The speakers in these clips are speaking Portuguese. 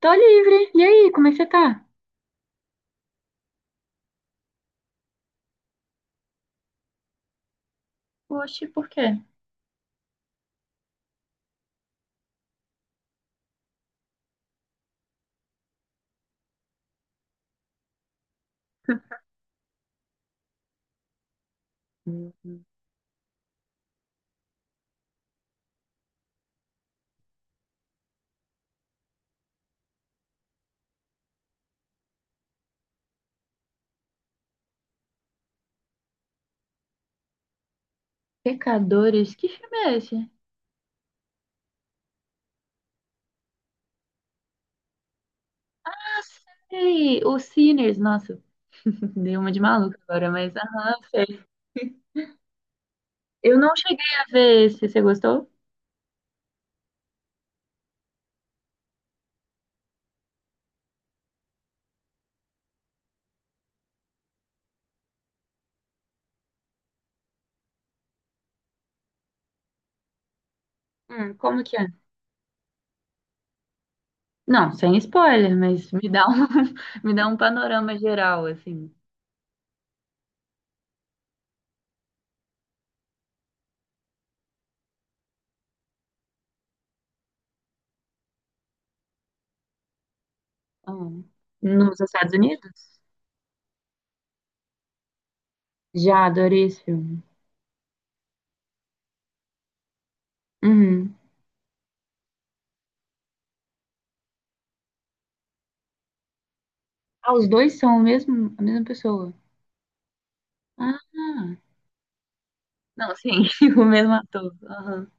Tô livre. E aí, como é que você tá? Oxe, por quê? Hum. Pecadores? Que filme é esse? Ah, sei! O Sinners, nossa, dei uma de maluca agora, mas aham, sei. Eu não cheguei a ver esse, você gostou? Como que é? Não, sem spoiler, mas me dá me dá um panorama geral, assim. Ah, nos Estados Unidos? Já adorei esse filme. Uhum. Ah, os dois são o mesmo, a mesma pessoa. Ah, não, sim, o mesmo ator. Aham.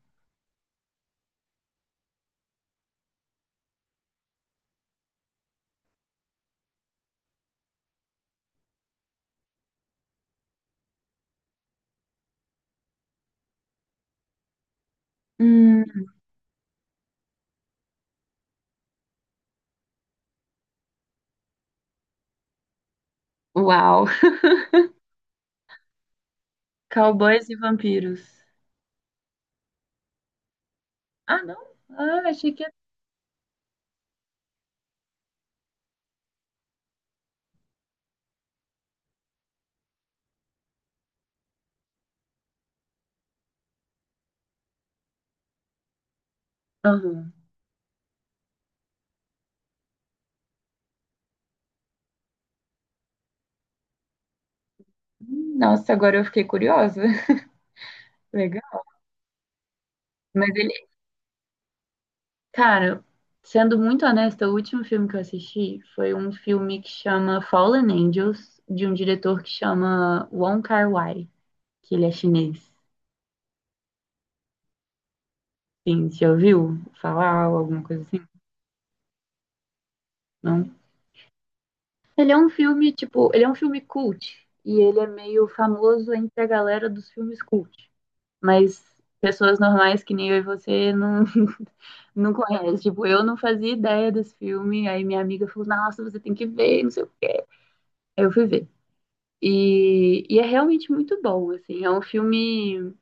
Uau! Cowboys e vampiros. Ah, não? Ah, achei que era. Aham. Nossa, agora eu fiquei curiosa. Legal. Mas ele. Cara, sendo muito honesta, o último filme que eu assisti foi um filme que chama Fallen Angels, de um diretor que chama Wong Kar-wai, que ele é chinês. Sim, já ouviu falar ou alguma coisa assim? Não? Ele é um filme, tipo, ele é um filme cult. E ele é meio famoso entre a galera dos filmes cult. Mas pessoas normais que nem eu e você não, não conhece. Tipo, eu não fazia ideia desse filme. Aí minha amiga falou, nossa, você tem que ver, não sei o quê. Aí eu fui ver. E é realmente muito bom, assim. É um filme.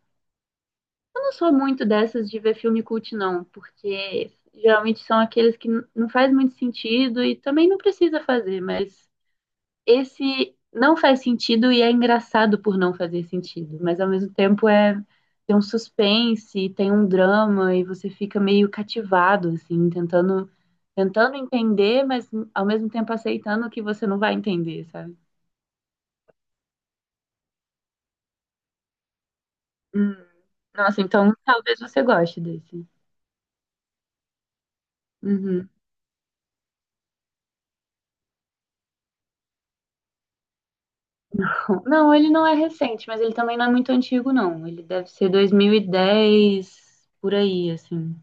Eu não sou muito dessas de ver filme cult, não, porque geralmente são aqueles que não faz muito sentido e também não precisa fazer, mas esse não faz sentido e é engraçado por não fazer sentido, mas ao mesmo tempo é tem um suspense, tem um drama e você fica meio cativado assim, tentando entender, mas ao mesmo tempo aceitando que você não vai entender, sabe? Hum, Nossa, então talvez você goste desse. Uhum. Não, ele não é recente, mas ele também não é muito antigo, não. Ele deve ser 2010, por aí, assim.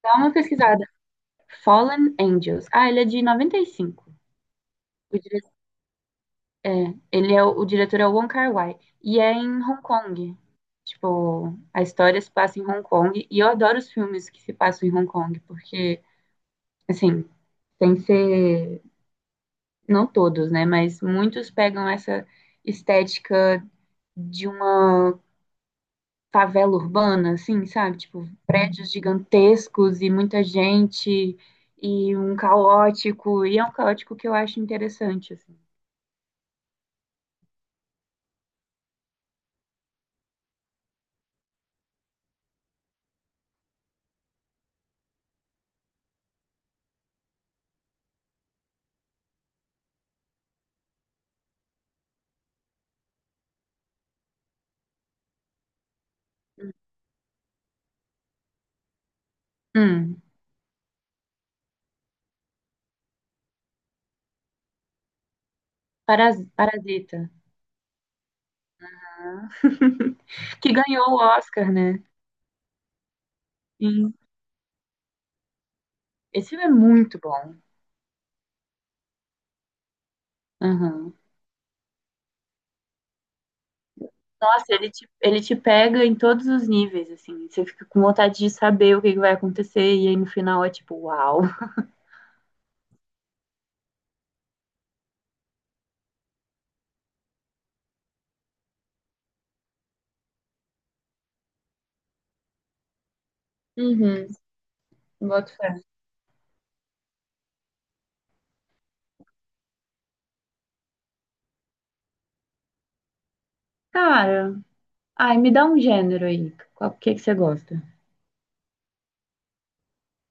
Dá uma pesquisada. Fallen Angels. Ah, ele é de 95. É, ele é o diretor é o Wong Kar-wai e é em Hong Kong. Tipo, a história se passa em Hong Kong e eu adoro os filmes que se passam em Hong Kong porque, assim, tem que ser não todos, né? Mas muitos pegam essa estética de uma favela urbana, assim, sabe? Tipo, prédios gigantescos e muita gente e um caótico e é um caótico que eu acho interessante, assim. Hum, Parasita. Ah. Que ganhou o Oscar, né? Sim. Esse filme é muito bom. Aham. Nossa, ele te pega em todos os níveis, assim. Você fica com vontade de saber o que que vai acontecer, e aí no final é tipo, uau. Uhum, boto fé. Cara, ai, me dá um gênero aí. Qual que você gosta?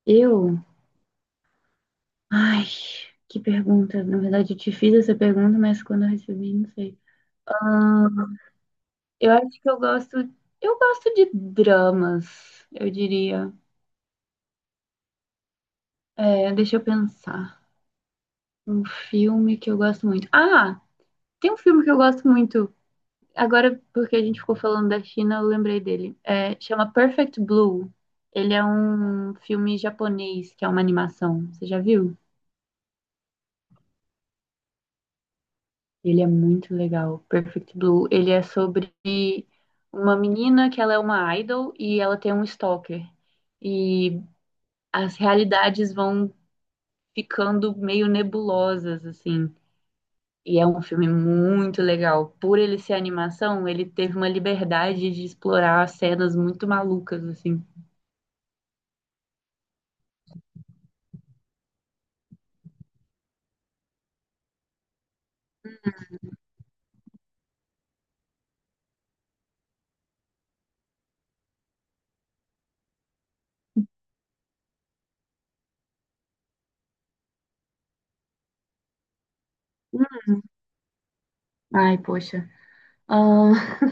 Eu? Ai, que pergunta. Na verdade, eu te fiz essa pergunta, mas quando eu recebi, não sei. Ah, eu acho que eu gosto. Eu gosto de dramas, eu diria. É, deixa eu pensar. Um filme que eu gosto muito. Ah, tem um filme que eu gosto muito. Agora, porque a gente ficou falando da China, eu lembrei dele. É, chama Perfect Blue. Ele é um filme japonês, que é uma animação. Você já viu? Ele é muito legal. Perfect Blue. Ele é sobre uma menina que ela é uma idol e ela tem um stalker. E as realidades vão ficando meio nebulosas, assim. E é um filme muito legal. Por ele ser animação, ele teve uma liberdade de explorar cenas muito malucas, assim. Ai, poxa. Ahn,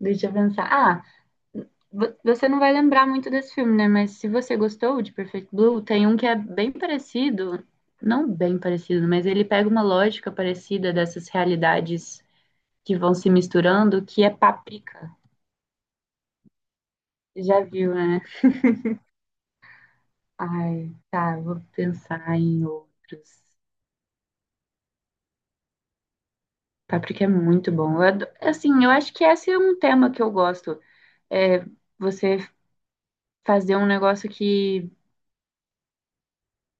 deixa eu pensar. Ah, você não vai lembrar muito desse filme, né? Mas se você gostou de Perfect Blue, tem um que é bem parecido, não bem parecido, mas ele pega uma lógica parecida dessas realidades que vão se misturando, que é Paprika. Já viu, né? Ai, tá, vou pensar em outros. Páprica é muito bom. Assim, eu acho que esse é um tema que eu gosto. É você fazer um negócio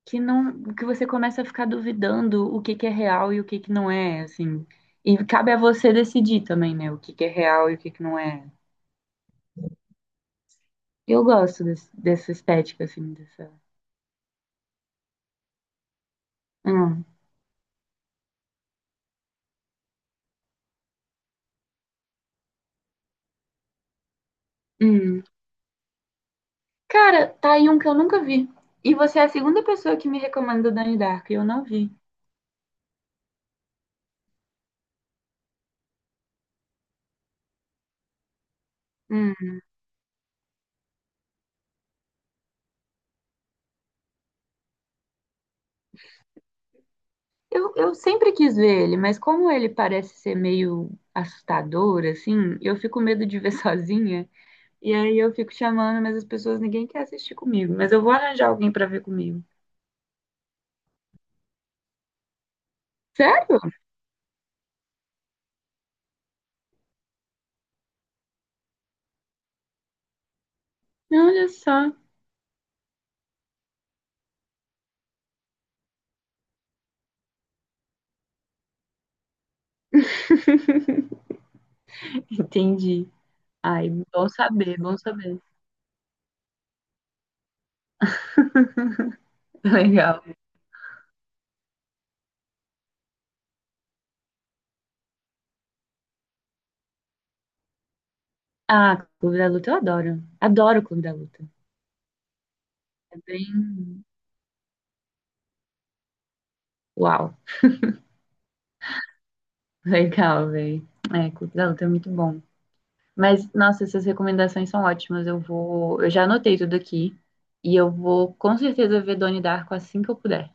que não, que você começa a ficar duvidando o que que é real e o que que não é, assim. E cabe a você decidir também, né, o que que é real e o que que não é. Eu gosto dessa estética, assim, dessa. Hum. Hum. Cara, tá aí um que eu nunca vi. E você é a segunda pessoa que me recomenda o Donnie Darko, e eu não vi. Hum. Eu sempre quis ver ele, mas como ele parece ser meio assustador, assim, eu fico com medo de ver sozinha. E aí eu fico chamando, mas as pessoas, ninguém quer assistir comigo. Mas eu vou arranjar alguém pra ver comigo. Sério? Olha só. Entendi. Ai, bom saber, bom saber. Legal. Ah, Clube da Luta eu adoro. Adoro o Clube da Luta. É bem. Uau, legal, velho. É, Clube da Luta é muito bom. Mas, nossa, essas recomendações são ótimas. Eu já anotei tudo aqui e eu vou com certeza ver Donnie Darko assim que eu puder.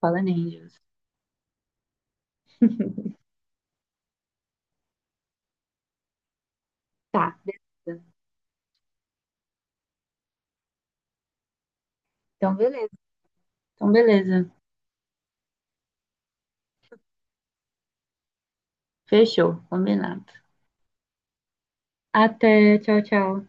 Fala Angels. Tá, beleza. Então, beleza. Então, beleza. Fechou, combinado. Até, tchau, tchau.